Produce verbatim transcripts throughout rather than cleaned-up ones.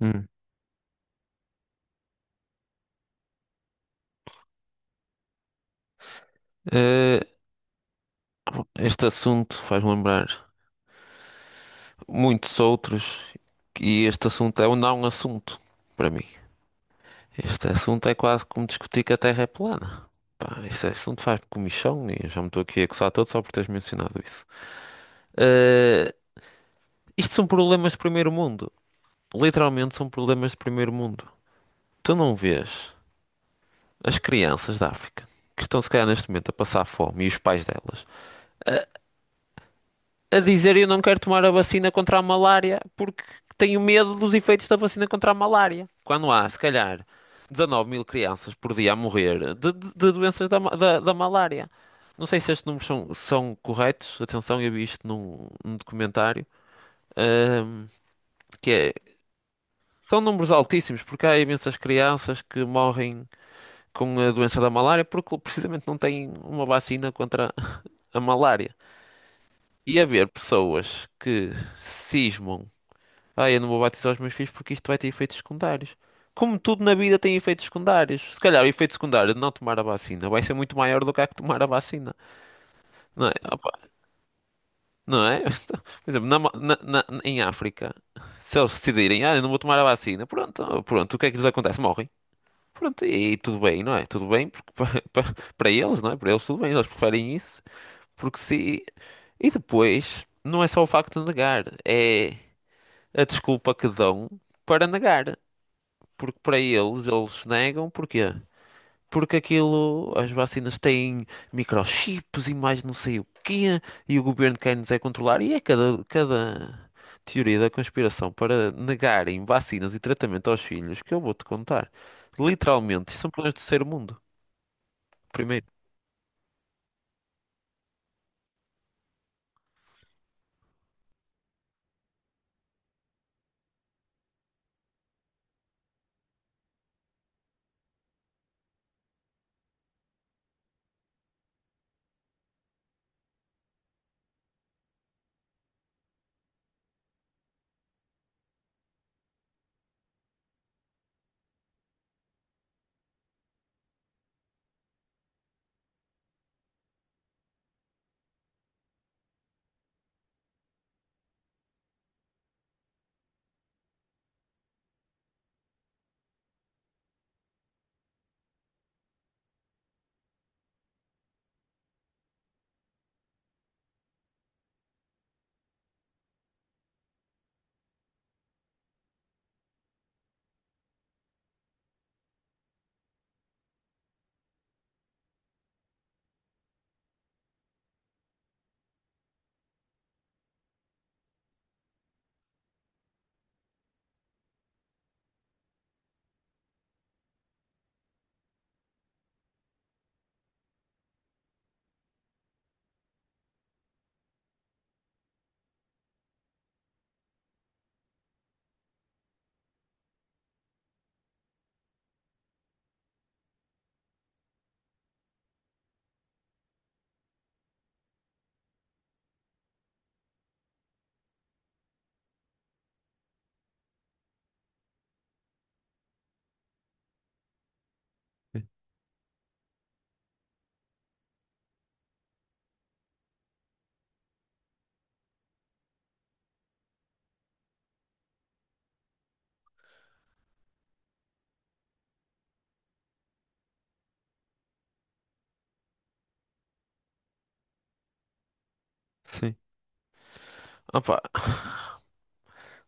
Hum. Eh, Este assunto faz-me lembrar muitos outros e este assunto é um não é um assunto para mim. Este assunto é quase como discutir que a Terra é plana. Pá, este assunto faz-me comichão e eu já me estou aqui a coçar todo só por teres mencionado isso. Eh, Isto são problemas de primeiro mundo. Literalmente são problemas de primeiro mundo. Tu não vês as crianças da África que estão se calhar neste momento a passar fome e os pais delas a dizer: eu não quero tomar a vacina contra a malária porque tenho medo dos efeitos da vacina contra a malária. Quando há, se calhar, dezanove mil crianças por dia a morrer de, de- de doenças da, ma- da, da malária. Não sei se estes números são, são corretos. Atenção, eu vi isto num, num documentário. ahm, que é, são números altíssimos, porque há imensas crianças que morrem com a doença da malária porque precisamente não têm uma vacina contra a malária. E haver pessoas que cismam: ah, eu não vou batizar os meus filhos porque isto vai ter efeitos secundários. Como tudo na vida tem efeitos secundários. Se calhar o efeito secundário de não tomar a vacina vai ser muito maior do que a que tomar a vacina. Não é? Opa, não é? Por exemplo, na, Ma- na- na- em África, se eles decidirem, ah, eu não vou tomar a vacina, pronto, pronto, o que é que lhes acontece? Morrem. Pronto, e, e tudo bem, não é? Tudo bem porque para, para, para eles, não é? Para eles tudo bem, eles preferem isso. Porque se... E depois, não é só o facto de negar, é a desculpa que dão para negar. Porque para eles, eles negam, porquê? Porque aquilo, as vacinas têm microchips e mais não sei o quê, e o governo quer-nos é controlar, e é cada, cada teoria da conspiração para negarem vacinas e tratamento aos filhos que eu vou-te contar. Literalmente, isso são problemas do terceiro mundo, primeiro. Sim. Opa,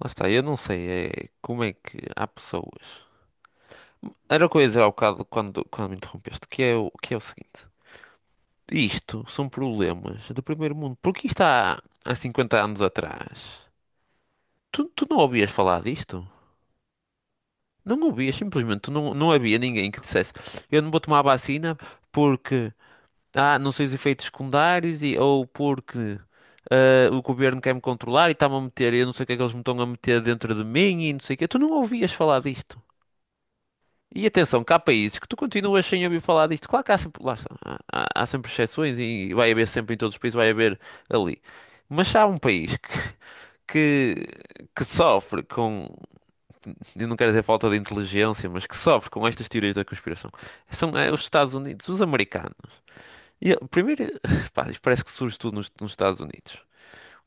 lá está, eu não sei é, como é que há pessoas. Era o que eu ia dizer há bocado quando, quando me interrompeste, que é o, que é o seguinte. Isto são problemas do primeiro mundo. Porque isto há, há cinquenta anos atrás. Tu, tu não ouvias falar disto? Não ouvias, simplesmente. Tu não, não havia ninguém que dissesse: eu não vou tomar a vacina porque ah, não sei os efeitos secundários e, ou porque ah, o governo quer me controlar e está-me a meter. e Eu não sei o que é que eles me estão a meter dentro de mim e não sei o que. Tu não ouvias falar disto. E atenção, que há países que tu continuas sem ouvir falar disto. Claro que há sempre, lá está, há, há- há sempre exceções e vai haver sempre em todos os países, vai haver ali. Mas se há um país que, que, que sofre com, eu não quero dizer falta de inteligência, mas que sofre com estas teorias da conspiração, são eh, os Estados Unidos, os americanos. E, eh, primeiro, pá, isto parece que surge tudo nos, nos Estados Unidos.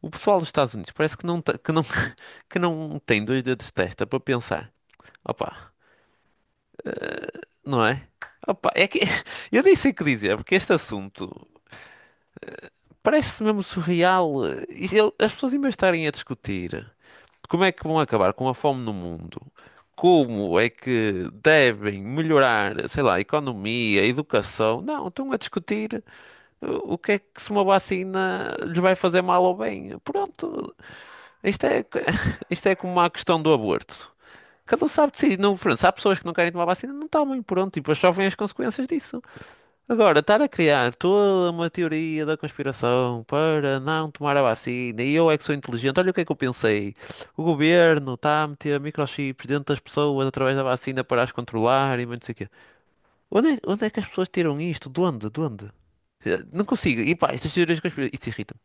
O pessoal dos Estados Unidos parece que não, te- que não, que não tem dois dedos de testa para pensar. Opa. Não é? Opa, é que eu nem sei o que dizer, porque este assunto parece mesmo surreal. eh, E ele- as pessoas, em vez de estarem a discutir como é que vão acabar com a fome no mundo, como é que devem melhorar, sei lá, a economia, a educação, não, estão a discutir uh, o que é que se uma vacina lhes vai fazer mal ou bem. Pronto, isto é, co- isto é como a questão do aborto. Cada um sabe de si. Não, pronto, se há pessoas que não querem tomar vacina, não tomem, pronto, e depois sofrem as consequências disso. Agora, estar a criar toda uma teoria da conspiração para não tomar a vacina e eu é que sou inteligente, olha o que é que eu pensei. O governo está a meter microchips dentro das pessoas através da vacina para as controlar e mais não sei o quê. Onde é, onde é que as pessoas tiram isto? De onde? De onde? Eh, Não consigo. E pá, estas teorias conspiratórias. Isso irrita-me.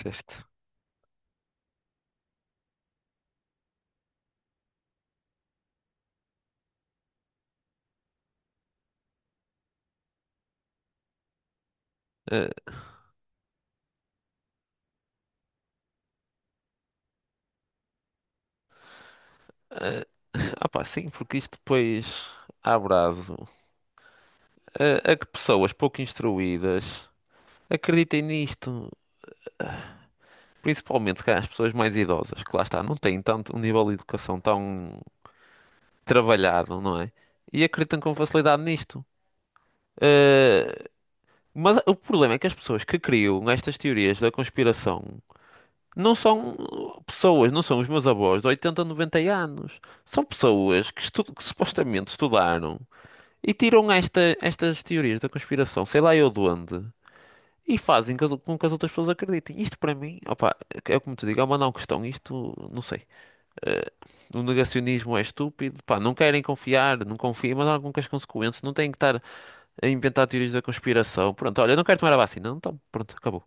Certo. Eh, eh, ah pá, sim, porque isto depois abre aso. Eh, a que pessoas pouco instruídas acreditem nisto. Principalmente, se calhar, as pessoas mais idosas, que lá está, não têm tanto um nível de educação tão trabalhado, não é? E acreditam com facilidade nisto. Eh, mas o problema é que as pessoas que criam estas teorias da conspiração não são pessoas, não são os meus avós de oitenta, noventa anos. São pessoas que, estu- que supostamente estudaram e tiram esta- estas teorias da conspiração, sei lá eu de onde, e fazem com que as com que as outras pessoas acreditem. Isto para mim, opa, é como te digo, é uma não questão. Isto, não sei. Eh, O negacionismo é estúpido, pá, não querem confiar, não confiem, mas há algumas com consequências, não têm que estar a inventar teorias da conspiração. Pronto, olha, eu não quero tomar a vacina, não tomo, pronto, acabou.